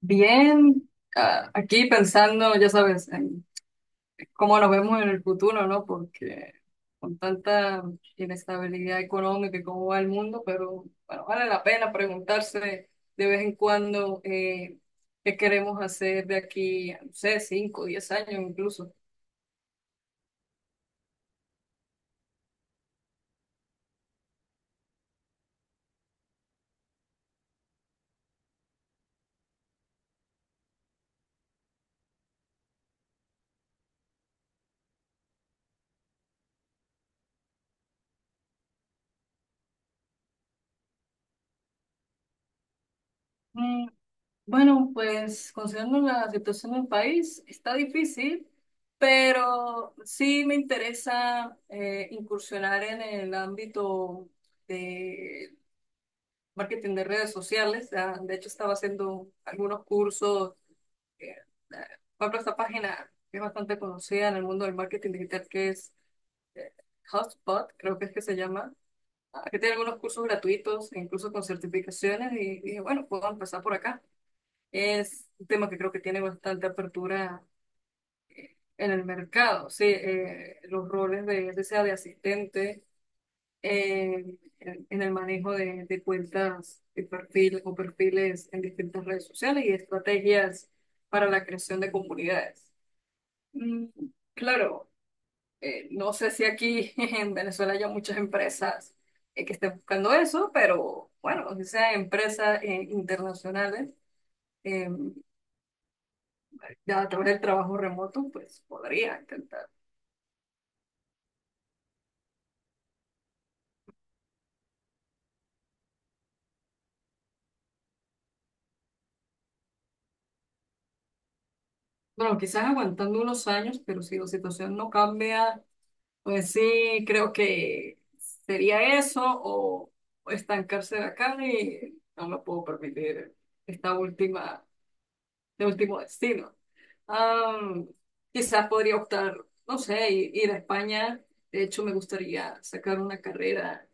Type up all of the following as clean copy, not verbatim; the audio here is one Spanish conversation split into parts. Bien, aquí pensando, ya sabes, en cómo nos vemos en el futuro, ¿no? Porque con tanta inestabilidad económica y cómo va el mundo, pero bueno, vale la pena preguntarse de vez en cuando qué queremos hacer de aquí, no sé, 5 10 años incluso. Bueno, pues considerando la situación del país, está difícil, pero sí me interesa incursionar en el ámbito de marketing de redes sociales. Ya, de hecho, estaba haciendo algunos cursos. eh, eh, Por ejemplo, esta página que es bastante conocida en el mundo del marketing digital, que es eh, Hotspot, creo que es que se llama, que tiene algunos cursos gratuitos, e incluso con certificaciones, y dije, bueno, puedo empezar por acá. Es un tema que creo que tiene bastante apertura en el mercado, sí, los roles de, ya sea de asistente en el manejo de cuentas de perfil o perfiles en distintas redes sociales y estrategias para la creación de comunidades. Mm, claro, no sé si aquí en Venezuela haya muchas empresas que estén buscando eso, pero bueno, si sean empresas internacionales em, Ya través del trabajo remoto, pues podría intentar. Bueno, quizás aguantando unos años, pero si la situación no cambia, pues sí, creo que sería eso o estancarse acá y no me puedo permitir esta última, este último destino. Am, Quizás podría optar, no sé, ir a España. De hecho, me gustaría sacar una carrera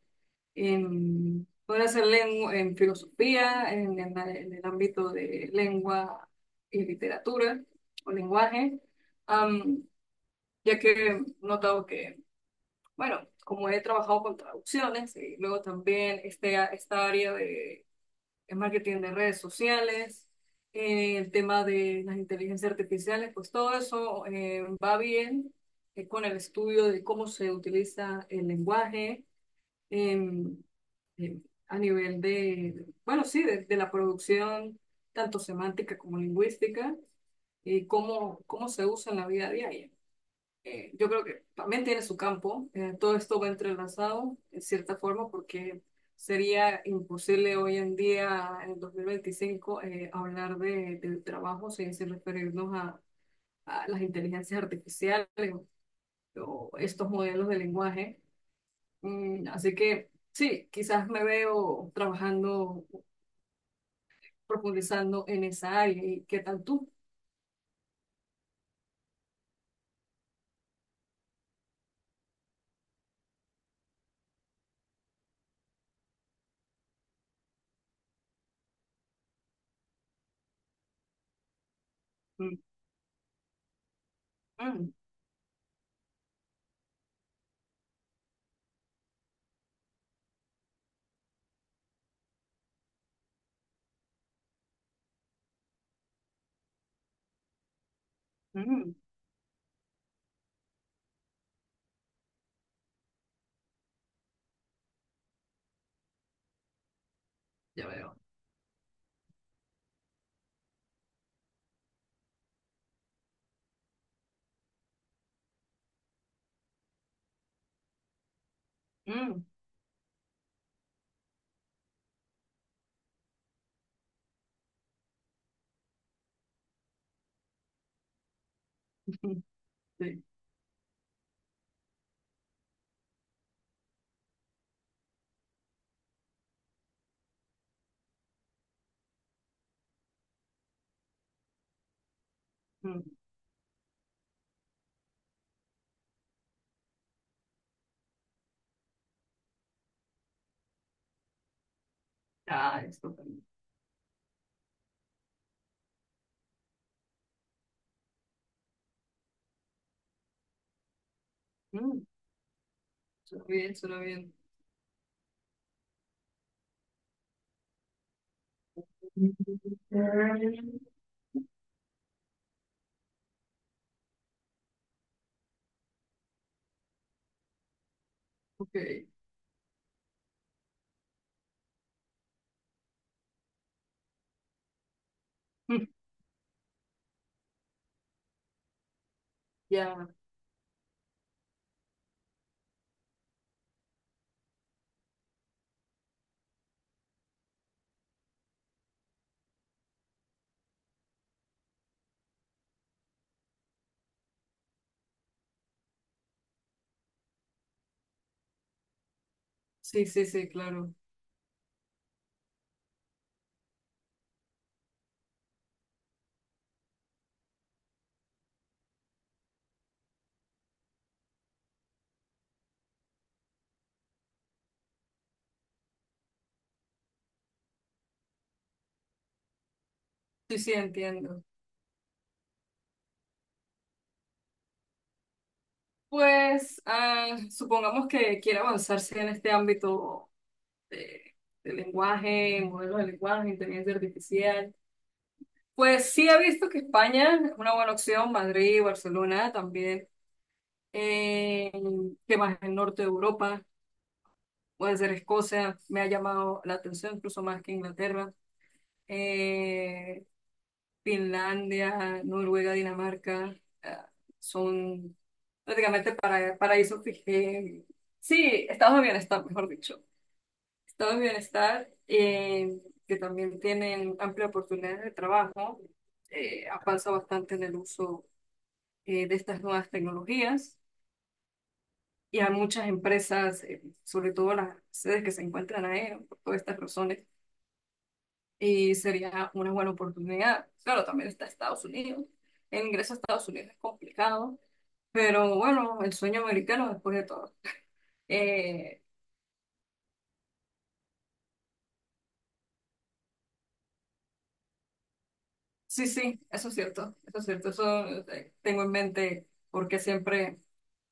en, podría ser lengua, en filosofía, en el ámbito de lengua y literatura o lenguaje, am, ya que he notado que, bueno, como he trabajado con traducciones y luego también esta área de marketing de redes sociales, el tema de las inteligencias artificiales, pues todo eso va bien con el estudio de cómo se utiliza el lenguaje. em, eh, a nivel de, bueno, sí, de la producción, tanto semántica como lingüística, y cómo, cómo se usa en la vida diaria. Yo creo que también tiene su campo, todo esto va entrelazado en cierta forma porque sería imposible hoy en día, en 2025, hablar de, del trabajo sin referirnos a las inteligencias artificiales o estos modelos de lenguaje. Mm, así que sí, quizás me veo trabajando profundizando en esa área. ¿Y qué tal tú? Mm, mm, mm, ya veo. Mm, sí, mm. Ah, esto también. Mm, suena bien, suena bien. Ok. Mm, ya. Sí, sí, sí, claro. Sí, sí, entiendo. Pues supongamos que quiere avanzarse en este ámbito de, de lenguaje, modelos de lenguaje, inteligencia artificial. Pues sí, he visto que España es una buena opción, Madrid, Barcelona también. Eh, ¿Qué más? El norte de Europa, puede ser Escocia, me ha llamado la atención incluso más que Inglaterra. Eh, Finlandia, Noruega, Dinamarca, ah, son prácticamente paraísos sí, estados de bienestar, mejor dicho. Estados de bienestar que también tienen amplia oportunidad de trabajo, avanza bastante en el uso de estas nuevas tecnologías. Y a muchas empresas, sobre todo las sedes que se encuentran ahí, ¿no? Por todas estas razones, y sería una buena oportunidad. Claro, también está Estados Unidos. El ingreso a Estados Unidos es complicado, pero bueno, el sueño americano después de todo. Eh, sí, sí, eso es cierto, eso es cierto, eso tengo en mente porque siempre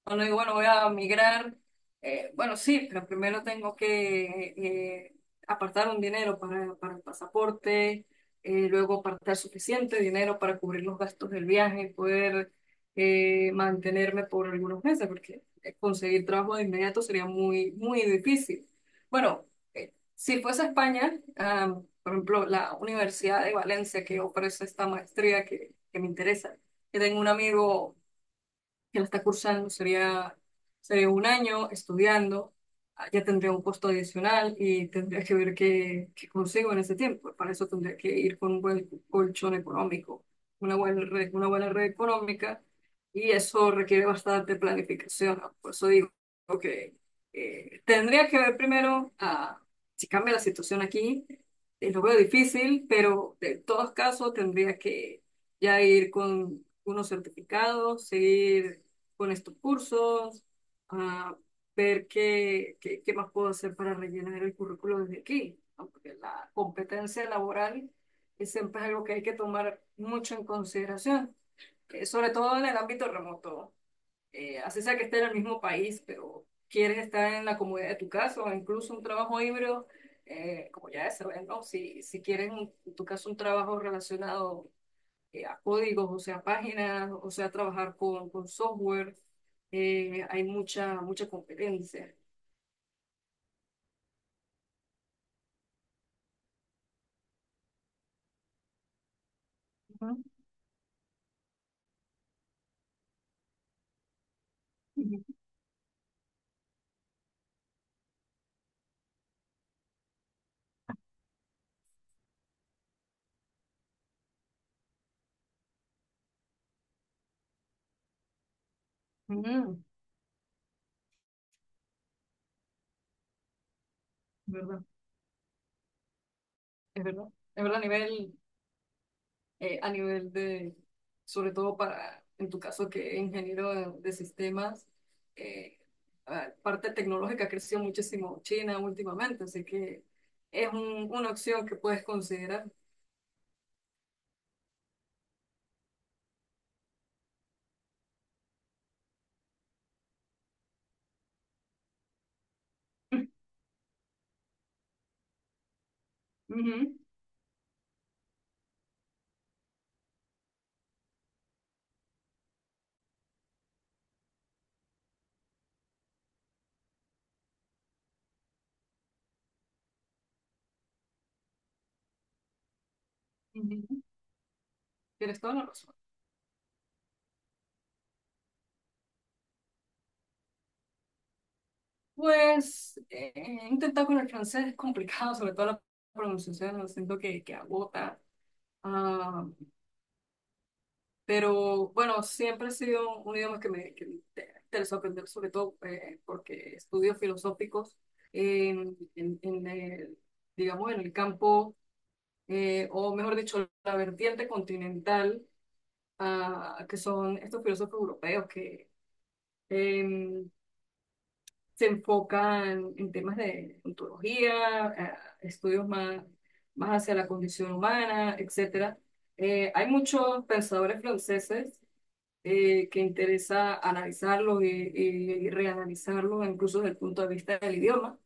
bueno, digo bueno, voy a migrar. Bueno, sí, pero primero tengo que apartar un dinero para el pasaporte, luego apartar suficiente dinero para cubrir los gastos del viaje y poder mantenerme por algunos meses, porque conseguir trabajo de inmediato sería muy, muy difícil. Bueno, si fuese a España, por ejemplo, la Universidad de Valencia que ofrece esta maestría que me interesa, que tengo un amigo que la está cursando, sería, sería un año estudiando, ya tendría un costo adicional y tendría que ver qué, qué consigo en ese tiempo. Para eso tendría que ir con un buen colchón económico, una buena red económica y eso requiere bastante planificación, ¿no? Por eso digo que tendría que ver primero si cambia la situación aquí. Lo veo difícil, pero de todos casos tendría que ya ir con unos certificados, seguir pones tus cursos, a ver qué, qué, qué más puedo hacer para rellenar el currículo desde aquí, ¿no? Porque la competencia laboral es siempre algo que hay que tomar mucho en consideración, sobre todo en el ámbito remoto. Así sea que esté en el mismo país, pero quieres estar en la comodidad de tu casa o incluso un trabajo híbrido, como ya se ve, ¿no? Si quieres, en tu caso, un trabajo relacionado a códigos, o sea, a páginas, o sea, a trabajar con software. Hay mucha, mucha competencia. Ujú, ujú, ujú, ¿verdad? Es verdad. Es verdad a nivel de, sobre todo para, en tu caso, que es ingeniero de sistemas, eh, la parte tecnológica ha crecido muchísimo China últimamente, así que es una opción que puedes considerar. Ujú, ujú. Tienes toda la razón. Pues he intentado con el francés, es complicado, sobre todo la pronunciación, lo siento que agota. Ah, pero bueno, siempre ha sido un idioma que me interesó aprender, sobre todo porque estudios filosóficos en el, digamos, en el campo, o mejor dicho, la vertiente continental, que son estos filósofos europeos que, em, se enfocan en temas de ontología, estudios más, más hacia la condición humana, etcétera. Hay muchos pensadores franceses que interesa analizarlos y, y reanalizarlos, incluso desde el punto de vista del idioma,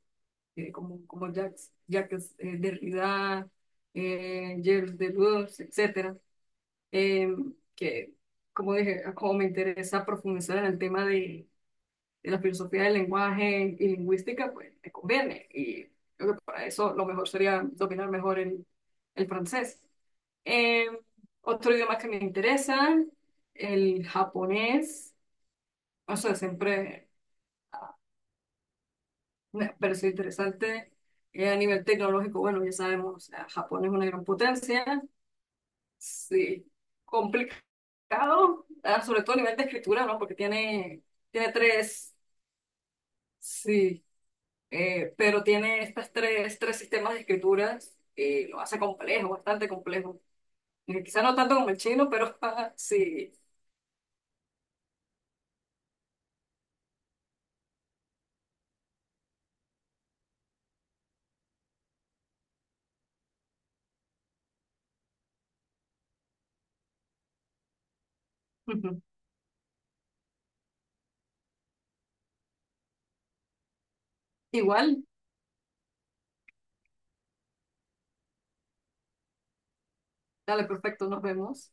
como, como Jacques Derrida, Gilles Deleuze, etcétera. Eh, que, como dije, como me interesa profundizar en el tema de la filosofía del lenguaje y lingüística, pues me conviene. Y creo que para eso lo mejor sería dominar mejor el francés. Eh, otro idioma que me interesa, el japonés. O sea, siempre me pareció interesante. A nivel tecnológico, bueno, ya sabemos, o sea, Japón es una gran potencia. Sí, complicado, sobre todo a nivel de escritura, ¿no? Porque tiene, tiene tres, sí, eh, pero tiene estas tres, tres sistemas de escrituras y lo hace complejo, bastante complejo. Quizá no tanto como el chino, pero sí. Ujú. Igual, dale, perfecto, nos vemos.